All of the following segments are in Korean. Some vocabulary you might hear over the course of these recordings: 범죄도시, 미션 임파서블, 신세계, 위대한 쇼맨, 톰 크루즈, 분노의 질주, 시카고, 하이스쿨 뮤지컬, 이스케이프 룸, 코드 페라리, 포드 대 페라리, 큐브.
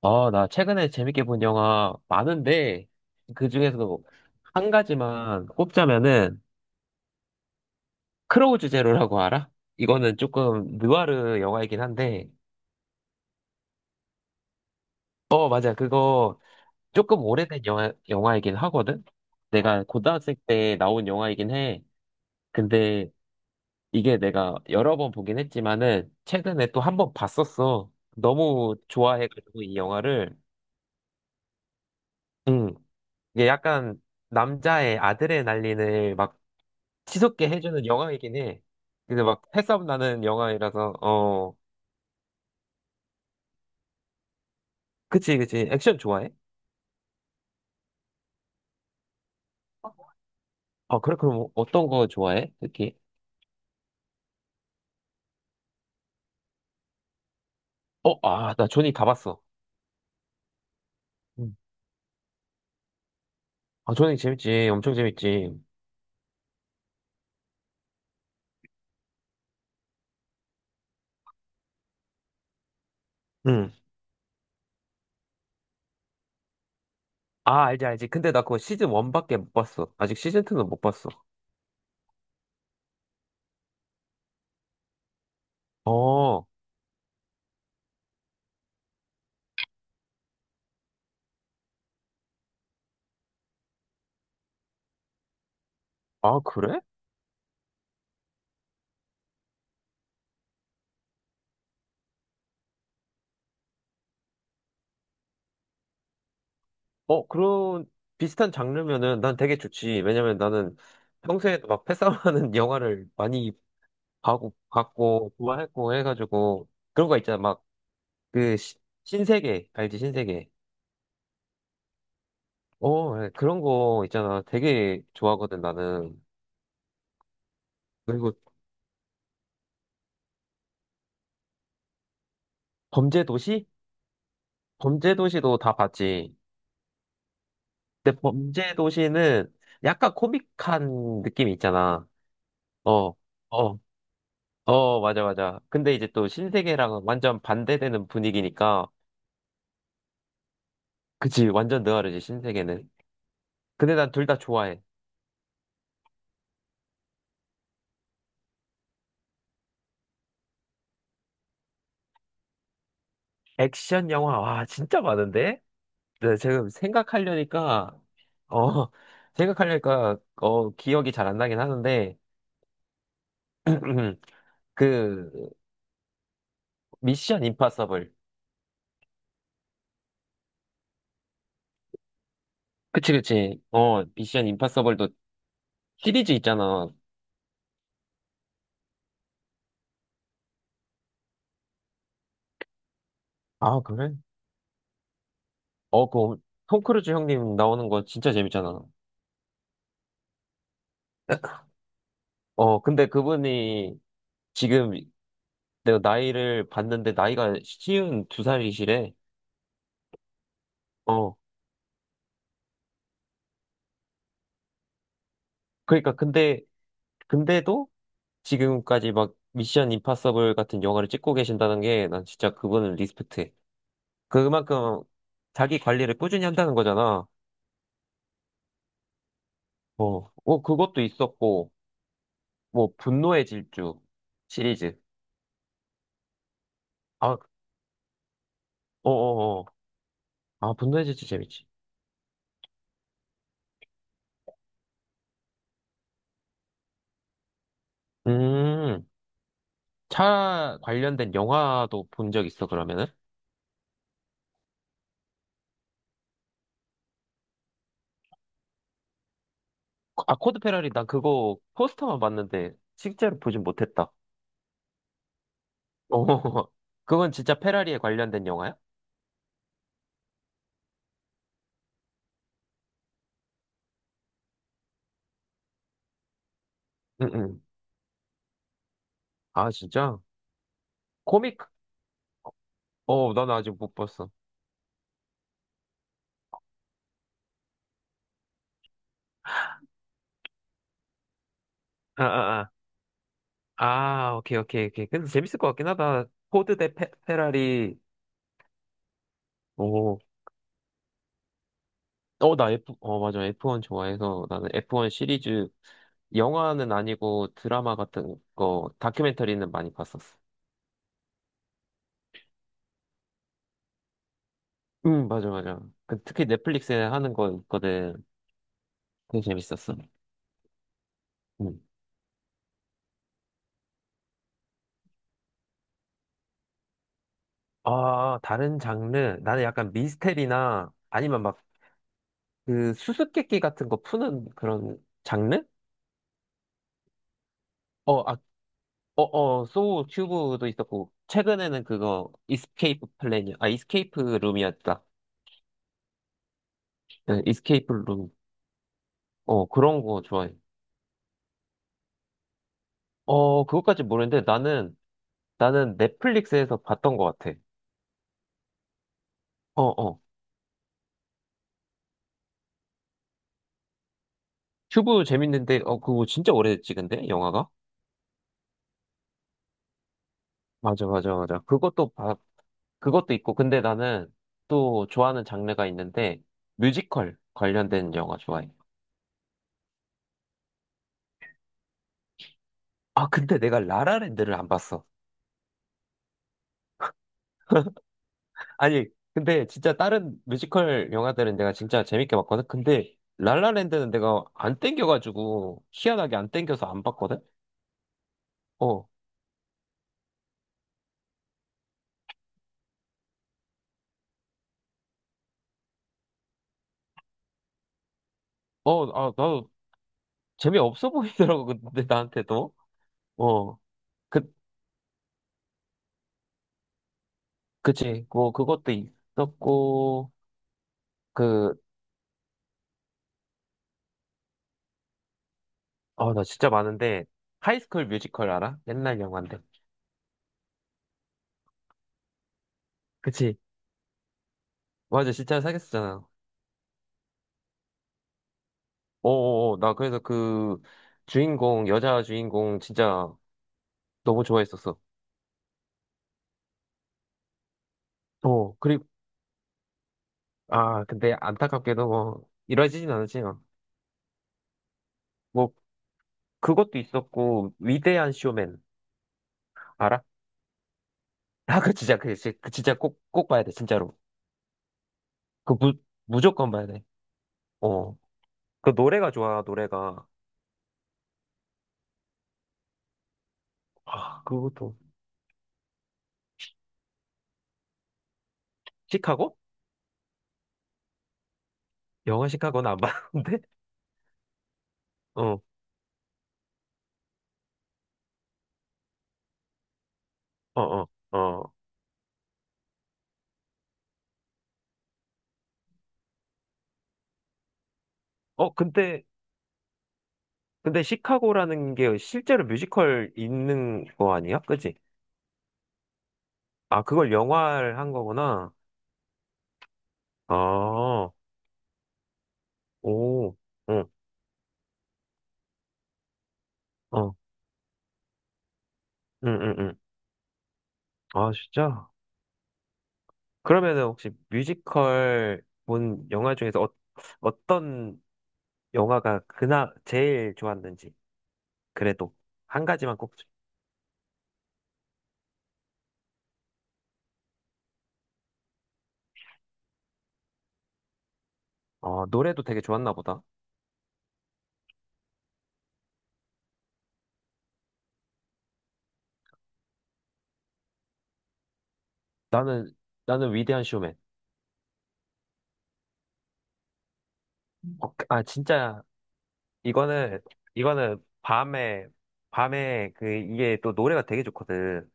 아, 나 최근에 재밌게 본 영화 많은데, 그 중에서도 한 가지만 꼽자면은, 크로우즈 제로라고 알아? 이거는 조금 느와르 영화이긴 한데, 어, 맞아. 그거 조금 오래된 영화이긴 하거든? 내가 고등학생 때 나온 영화이긴 해. 근데 이게 내가 여러 번 보긴 했지만은, 최근에 또 한 번 봤었어. 너무 좋아해가지고 이 영화를. 응. 이게 약간 남자의 아드레날린을 막 치솟게 해주는 영화이긴 해. 근데 막 해싸움 나는 영화이라서. 그치, 그치, 액션 좋아해? 아, 그래. 그럼 어떤 거 좋아해? 특히, 어아나 조니 다 봤어. 응. 아, 조니 재밌지, 엄청 재밌지. 응. 아, 알지, 알지. 근데 나 그거 시즌 1밖에 못 봤어. 아직 시즌 2는 못 봤어. 어, 아, 그래? 어, 그런 비슷한 장르면은 난 되게 좋지. 왜냐면 나는 평소에도 막 패싸움하는 영화를 많이 봤고, 좋아했고 해가지고, 그런 거 있잖아. 그 시- 신세계 알지, 신세계. 어, 네. 그런 거 있잖아, 되게 좋아하거든 나는. 그리고 범죄도시. 범죄도시도 다 봤지. 근데 범죄도시는 약간 코믹한 느낌이 있잖아. 어, 어, 어, 맞아, 맞아. 근데 이제 또 신세계랑은 완전 반대되는 분위기니까, 그치, 완전 느와르지, 신세계는. 근데 난 둘 다 좋아해. 액션 영화, 와, 진짜 많은데? 네, 지금 생각하려니까, 어, 생각하려니까, 기억이 잘 안 나긴 하는데, 그, 미션 임파서블. 그치, 그치. 어, 미션 임파서블도 시리즈 있잖아. 아, 그래? 어, 그, 톰 크루즈 형님 나오는 거 진짜 재밌잖아. 어, 근데 그분이 지금 내가 나이를 봤는데 나이가 쉬운 두 살이시래. 어, 그러니까 근데도 지금까지 막 미션 임파서블 같은 영화를 찍고 계신다는 게 난 진짜 그분을 리스펙트해. 그만큼 자기 관리를 꾸준히 한다는 거잖아. 어, 어, 그것도 있었고, 뭐, 분노의 질주 시리즈. 아, 어어어. 아, 분노의 질주 재밌지. 음, 차 관련된 영화도 본 적 있어, 그러면은? 아, 코드 페라리 난 그거 포스터만 봤는데 실제로 보진 못했다. 어, 그건 진짜 페라리에 관련된 영화야? 응, 응. 아, 진짜? 코믹? 어, 나는 아직 못 봤어. 아, 아, 아. 아, 오케이, 오케이, 오케이. 근데 재밌을 것 같긴 하다. 포드 대 페라리. 오, 어, 맞아. F1 좋아해서 나는 F1 시리즈, 영화는 아니고 드라마 같은 거, 다큐멘터리는 많이 봤었어. 응, 맞아, 맞아. 그, 특히 넷플릭스에 하는 거 있거든. 되게 재밌었어. 음. 아, 다른 장르. 나는 약간 미스테리나 아니면 막 그 수수께끼 같은 거 푸는 그런 장르? 어, 어, 소우 큐브도 있었고, 최근에는 그거, 이스케이프 플랜이, 아, 이스케이프 룸이었다. 네, 이스케이프 룸. 어, 그런 거 좋아해. 어, 그것까지 모르는데, 나는 넷플릭스에서 봤던 것 같아. 어, 어. 큐브 재밌는데, 그거 진짜 오래됐지, 근데, 영화가? 맞아, 맞아, 맞아. 그것도 있고, 근데 나는 또 좋아하는 장르가 있는데, 뮤지컬 관련된 영화 좋아해. 아, 근데 내가 라라랜드를 안 봤어. 아니, 근데 진짜 다른 뮤지컬 영화들은 내가 진짜 재밌게 봤거든? 근데 랄라랜드는 내가 안 땡겨가지고, 희한하게 안 땡겨서 안 봤거든? 어, 나도 재미없어 보이더라고, 근데 나한테도. 어, 그, 그치. 뭐, 그것도 있었고, 그, 나 진짜 많은데, 하이스쿨 뮤지컬 알아? 옛날 영화인데. 그치. 맞아, 진짜 사귀었잖아. 나 그래서 그 주인공, 여자 주인공 진짜 너무 좋아했었어. 어, 아, 근데 안타깝게도 뭐, 이뤄지진 않았지만, 뭐 그것도 있었고, 위대한 쇼맨, 알아? 아, 그 진짜, 그, 진짜 그 진짜 꼭, 꼭 봐야 돼, 진짜로. 그 무, 무조건 봐야 돼. 어. 그 노래가 좋아, 노래가. 아, 그것도. 시카고? 영화 시카고는 안 봤는데? 어, 어, 어, 어. 어, 근데 시카고라는 게 실제로 뮤지컬 있는 거 아니야? 그지? 아, 그걸 영화를 한 거구나. 아, 오, 어, 어, 응, 응, 응. 아, 진짜? 그러면은 혹시 뮤지컬 본 영화 중에서 어떤 영화가 그나 제일 좋았는지 그래도 한 가지만 꼭. 어, 노래도 되게 좋았나 보다. 나는 나는 위대한 쇼맨. 어, 그, 진짜 이거는 이거는 밤에 그 이게 또 노래가 되게 좋거든.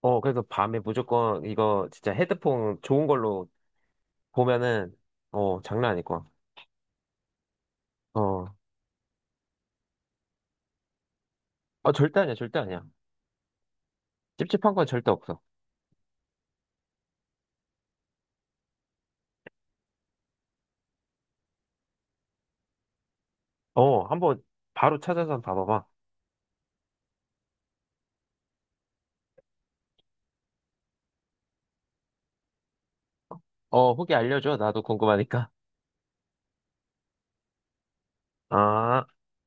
어, 그래서 밤에 무조건 이거 진짜 헤드폰 좋은 걸로 보면은 장난 아닐 거야. 어, 아, 절대 아니야, 절대 아니야. 찝찝한 건 절대 없어. 어, 한번 바로 찾아서 한번 봐봐봐. 어, 후기 알려줘. 나도 궁금하니까. 아.